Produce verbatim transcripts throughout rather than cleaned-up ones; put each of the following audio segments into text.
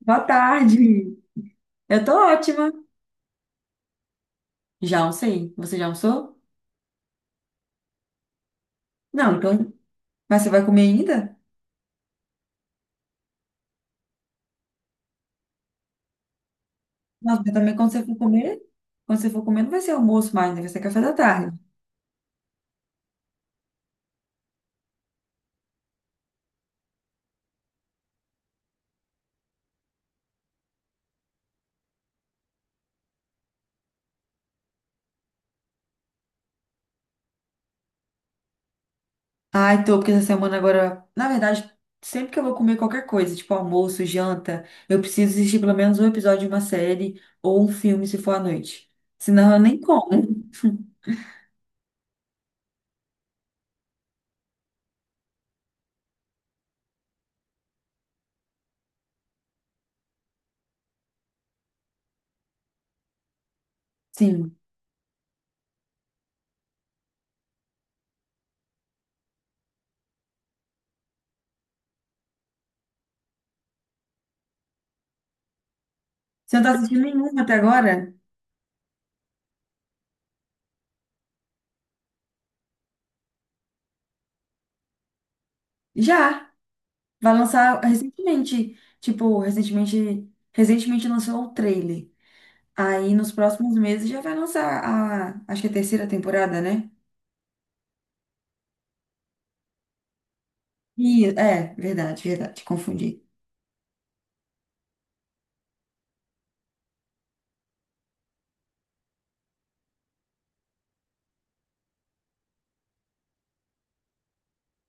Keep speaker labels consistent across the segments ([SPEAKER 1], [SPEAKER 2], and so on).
[SPEAKER 1] Boa tarde. Eu tô ótima. Já almocei. Você já almoçou? Não, então. Mas você vai comer ainda? Nossa, mas também quando você for comer, quando você for comer, não vai ser almoço mais, né? Vai ser café da tarde. Ai, tô, porque essa semana agora, na verdade, sempre que eu vou comer qualquer coisa, tipo almoço, janta, eu preciso assistir pelo menos um episódio de uma série ou um filme se for à noite. Senão eu nem como. Sim. Você não tá assistindo nenhuma até agora? Já. Vai lançar recentemente. Tipo, recentemente. Recentemente lançou o trailer. Aí nos próximos meses já vai lançar a, acho que é a terceira temporada, né? E, é, verdade, verdade, confundi.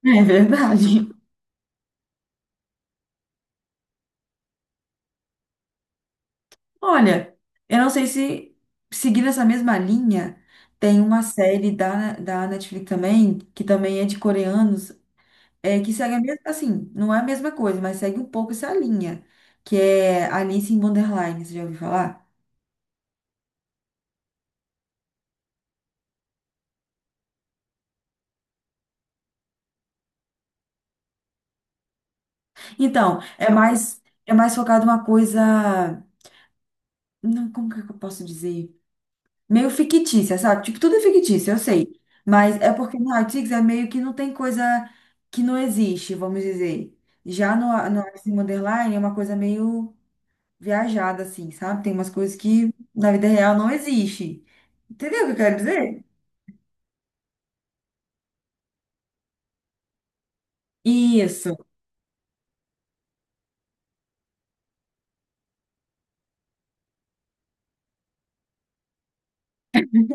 [SPEAKER 1] É verdade. Olha, eu não sei se seguindo essa mesma linha, tem uma série da, da Netflix também, que também é de coreanos, é que segue a mesma, assim, não é a mesma coisa, mas segue um pouco essa linha, que é Alice in Borderline, você já ouviu falar? Então, é mais é mais focado uma coisa, não, como que eu posso dizer? Meio fictícia, sabe? Tipo, tudo é fictício, eu sei. Mas é porque no Artix é meio que não tem coisa que não existe, vamos dizer. Já no, no Alice in Wonderland é uma coisa meio viajada, assim, sabe? Tem umas coisas que na vida real não existe. Entendeu o que eu quero dizer? Isso,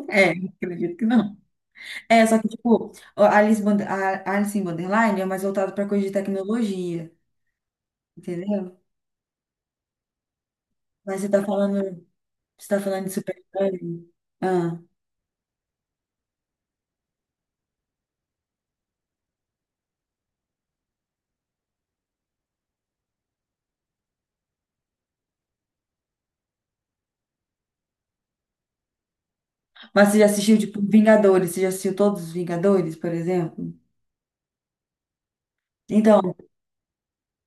[SPEAKER 1] é, acredito que não. É, só que, tipo, a Alice, Bond- a Alice in Wonderland é mais voltado para coisa de tecnologia, entendeu? Mas você tá falando, você tá falando de super-herói? Ah. Mas você já assistiu, tipo, Vingadores? Você já assistiu todos os Vingadores, por exemplo? Então,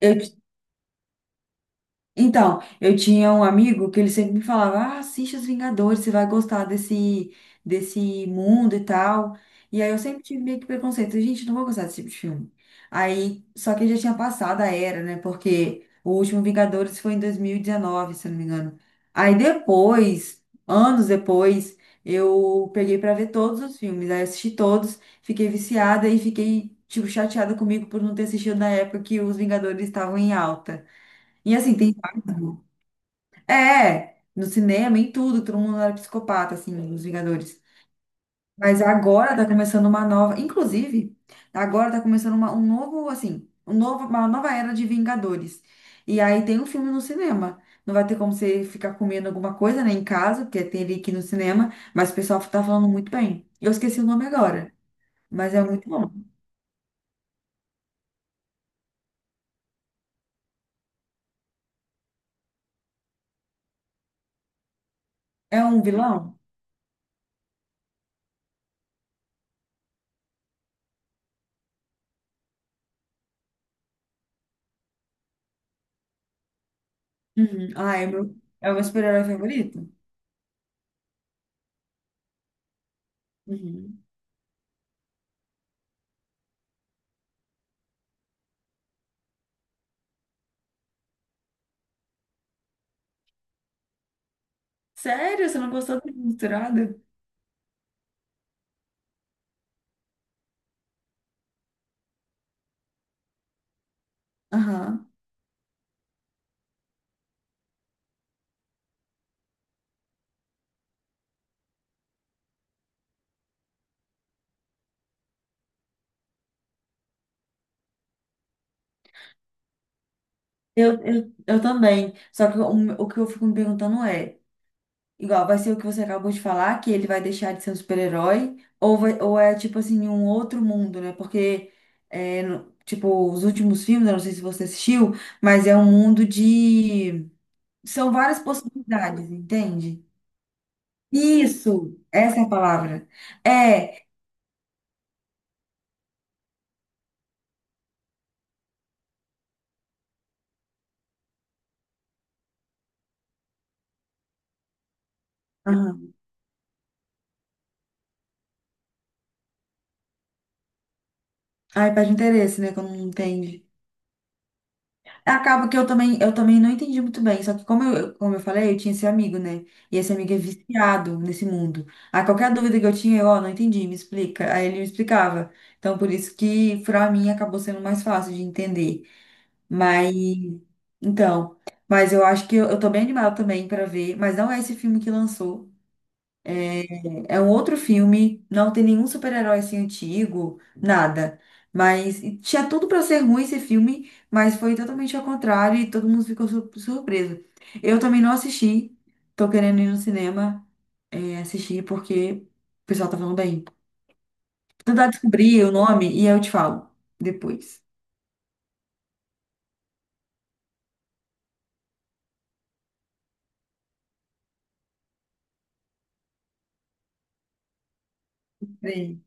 [SPEAKER 1] eu Então, eu tinha um amigo que ele sempre me falava: ah, assiste Os Vingadores, você vai gostar desse, desse mundo e tal. E aí eu sempre tive meio que preconceito: gente, não vou gostar desse tipo de filme. Aí, só que já tinha passado a era, né? Porque o último Vingadores foi em dois mil e dezenove, se eu não me engano. Aí depois, anos depois, eu peguei pra ver todos os filmes. Aí eu assisti todos, fiquei viciada e fiquei, tipo, chateada comigo por não ter assistido na época que os Vingadores estavam em alta. E assim, tem vários, né? É, no cinema, em tudo, todo mundo era psicopata, assim, os Vingadores. Mas agora tá começando uma nova. Inclusive, agora tá começando uma, um novo, assim, um novo, uma nova era de Vingadores. E aí tem um filme no cinema. Não vai ter como você ficar comendo alguma coisa, né, em casa, porque tem ele aqui no cinema. Mas o pessoal tá falando muito bem. Eu esqueci o nome agora, mas é muito bom. É um vilão? Uhum. Ah, é o meu, é o meu super-herói favorito? Uhum. Sério? Você não gostou do Misturado? Aham. Eu, eu, eu também. Só que o, o que eu fico me perguntando é, igual, vai ser o que você acabou de falar, que ele vai deixar de ser um super-herói, ou, vai- ou é tipo assim, um outro mundo, né? Porque, é, no- tipo, os últimos filmes, eu não sei se você assistiu, mas é um mundo de. São várias possibilidades, entende? Isso! Essa é a palavra. É. Aham. Ai, perde interesse, né? Quando não entende. Acaba que eu também, eu também não entendi muito bem. Só que como eu, como eu falei, eu tinha esse amigo, né? E esse amigo é viciado nesse mundo. Aí qualquer dúvida que eu tinha, eu, ó, não entendi, me explica. Aí ele me explicava. Então, por isso que pra mim acabou sendo mais fácil de entender. Mas, então, mas eu acho que eu, eu tô bem animada também pra ver. Mas não é esse filme que lançou. É um outro filme, não tem nenhum super-herói assim antigo, nada. Mas e tinha tudo pra ser ruim esse filme, mas foi totalmente ao contrário e todo mundo ficou sur- surpreso. Eu também não assisti, tô querendo ir no cinema eh, assistir porque o pessoal tá falando bem. Vou tentar descobrir o nome e eu te falo depois. Bem.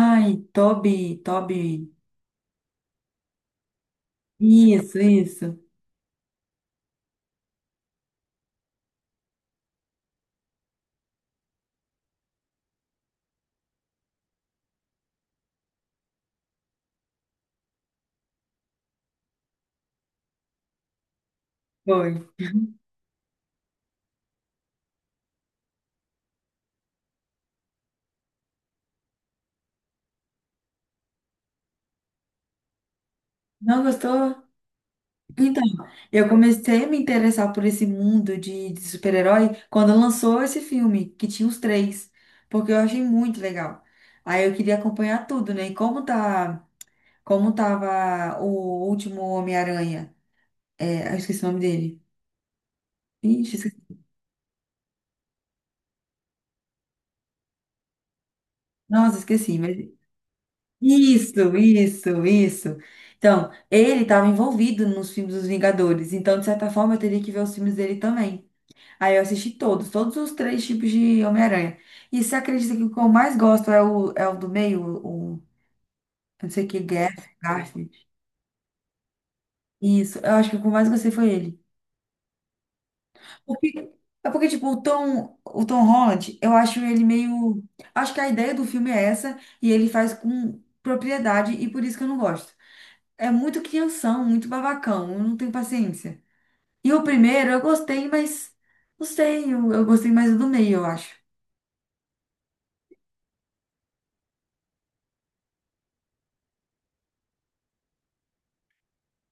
[SPEAKER 1] Ai, Toby, Toby. Isso, isso. Foi. Não gostou? Então, eu comecei a me interessar por esse mundo de, de super-herói quando lançou esse filme, que tinha os três, porque eu achei muito legal. Aí eu queria acompanhar tudo, né? E como tá, como tava o último Homem-Aranha? É, eu esqueci o nome dele. Ixi, esqueci. Nossa, esqueci, mas... Isso, isso, isso. Então, ele estava envolvido nos filmes dos Vingadores, então, de certa forma, eu teria que ver os filmes dele também. Aí eu assisti todos, todos os três tipos de Homem-Aranha. E você acredita que o que eu mais gosto é o, é o do meio, o, o- eu não sei o que, Garf, Garfield. Isso, eu acho que o que eu mais gostei foi ele. Porque, é porque, tipo, o Tom, o Tom Holland, eu acho ele meio. Acho que a ideia do filme é essa, e ele faz com propriedade, e por isso que eu não gosto. É muito crianção, muito babacão, eu não tenho paciência. E o primeiro eu gostei, mas não sei, eu, eu gostei mais do do meio, eu acho.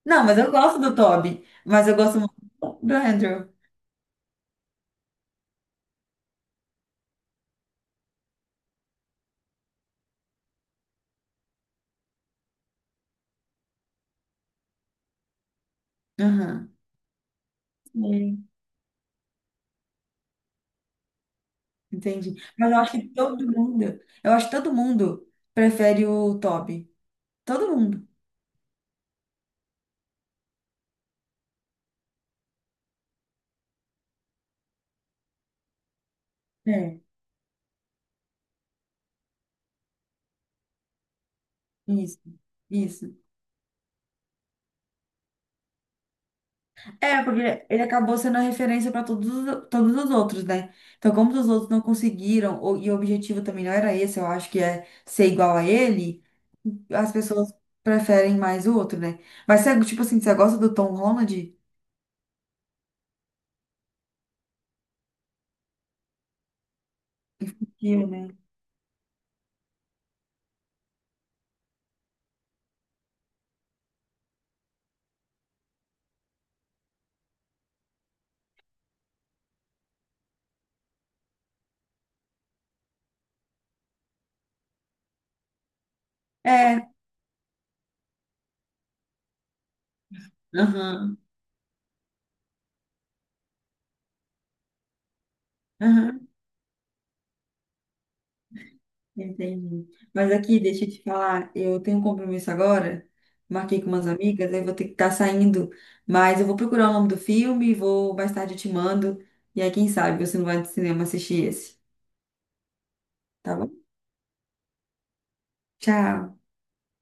[SPEAKER 1] Não, mas eu gosto do Toby. Mas eu gosto muito do Andrew. Aham. Sim. Entendi. Mas eu acho que todo mundo, eu acho que todo mundo prefere o Toby. Todo mundo. É, isso. Isso. É, porque ele acabou sendo a referência para todos, os- todos os outros, né? Então, como os outros não conseguiram, ou- e o objetivo também não era esse, eu acho que é ser igual a ele, as pessoas preferem mais o outro, né? Mas, você, tipo assim, você gosta do Tom Holland? Eu, né? É. Aham. Aham, entendi. Mas aqui, deixa eu te falar, eu tenho um compromisso agora, marquei com umas amigas, aí vou ter que estar saindo, mas eu vou procurar o nome do filme, vou mais tarde eu te mando, e aí quem sabe você não vai no cinema assistir esse, tá bom? Tchau.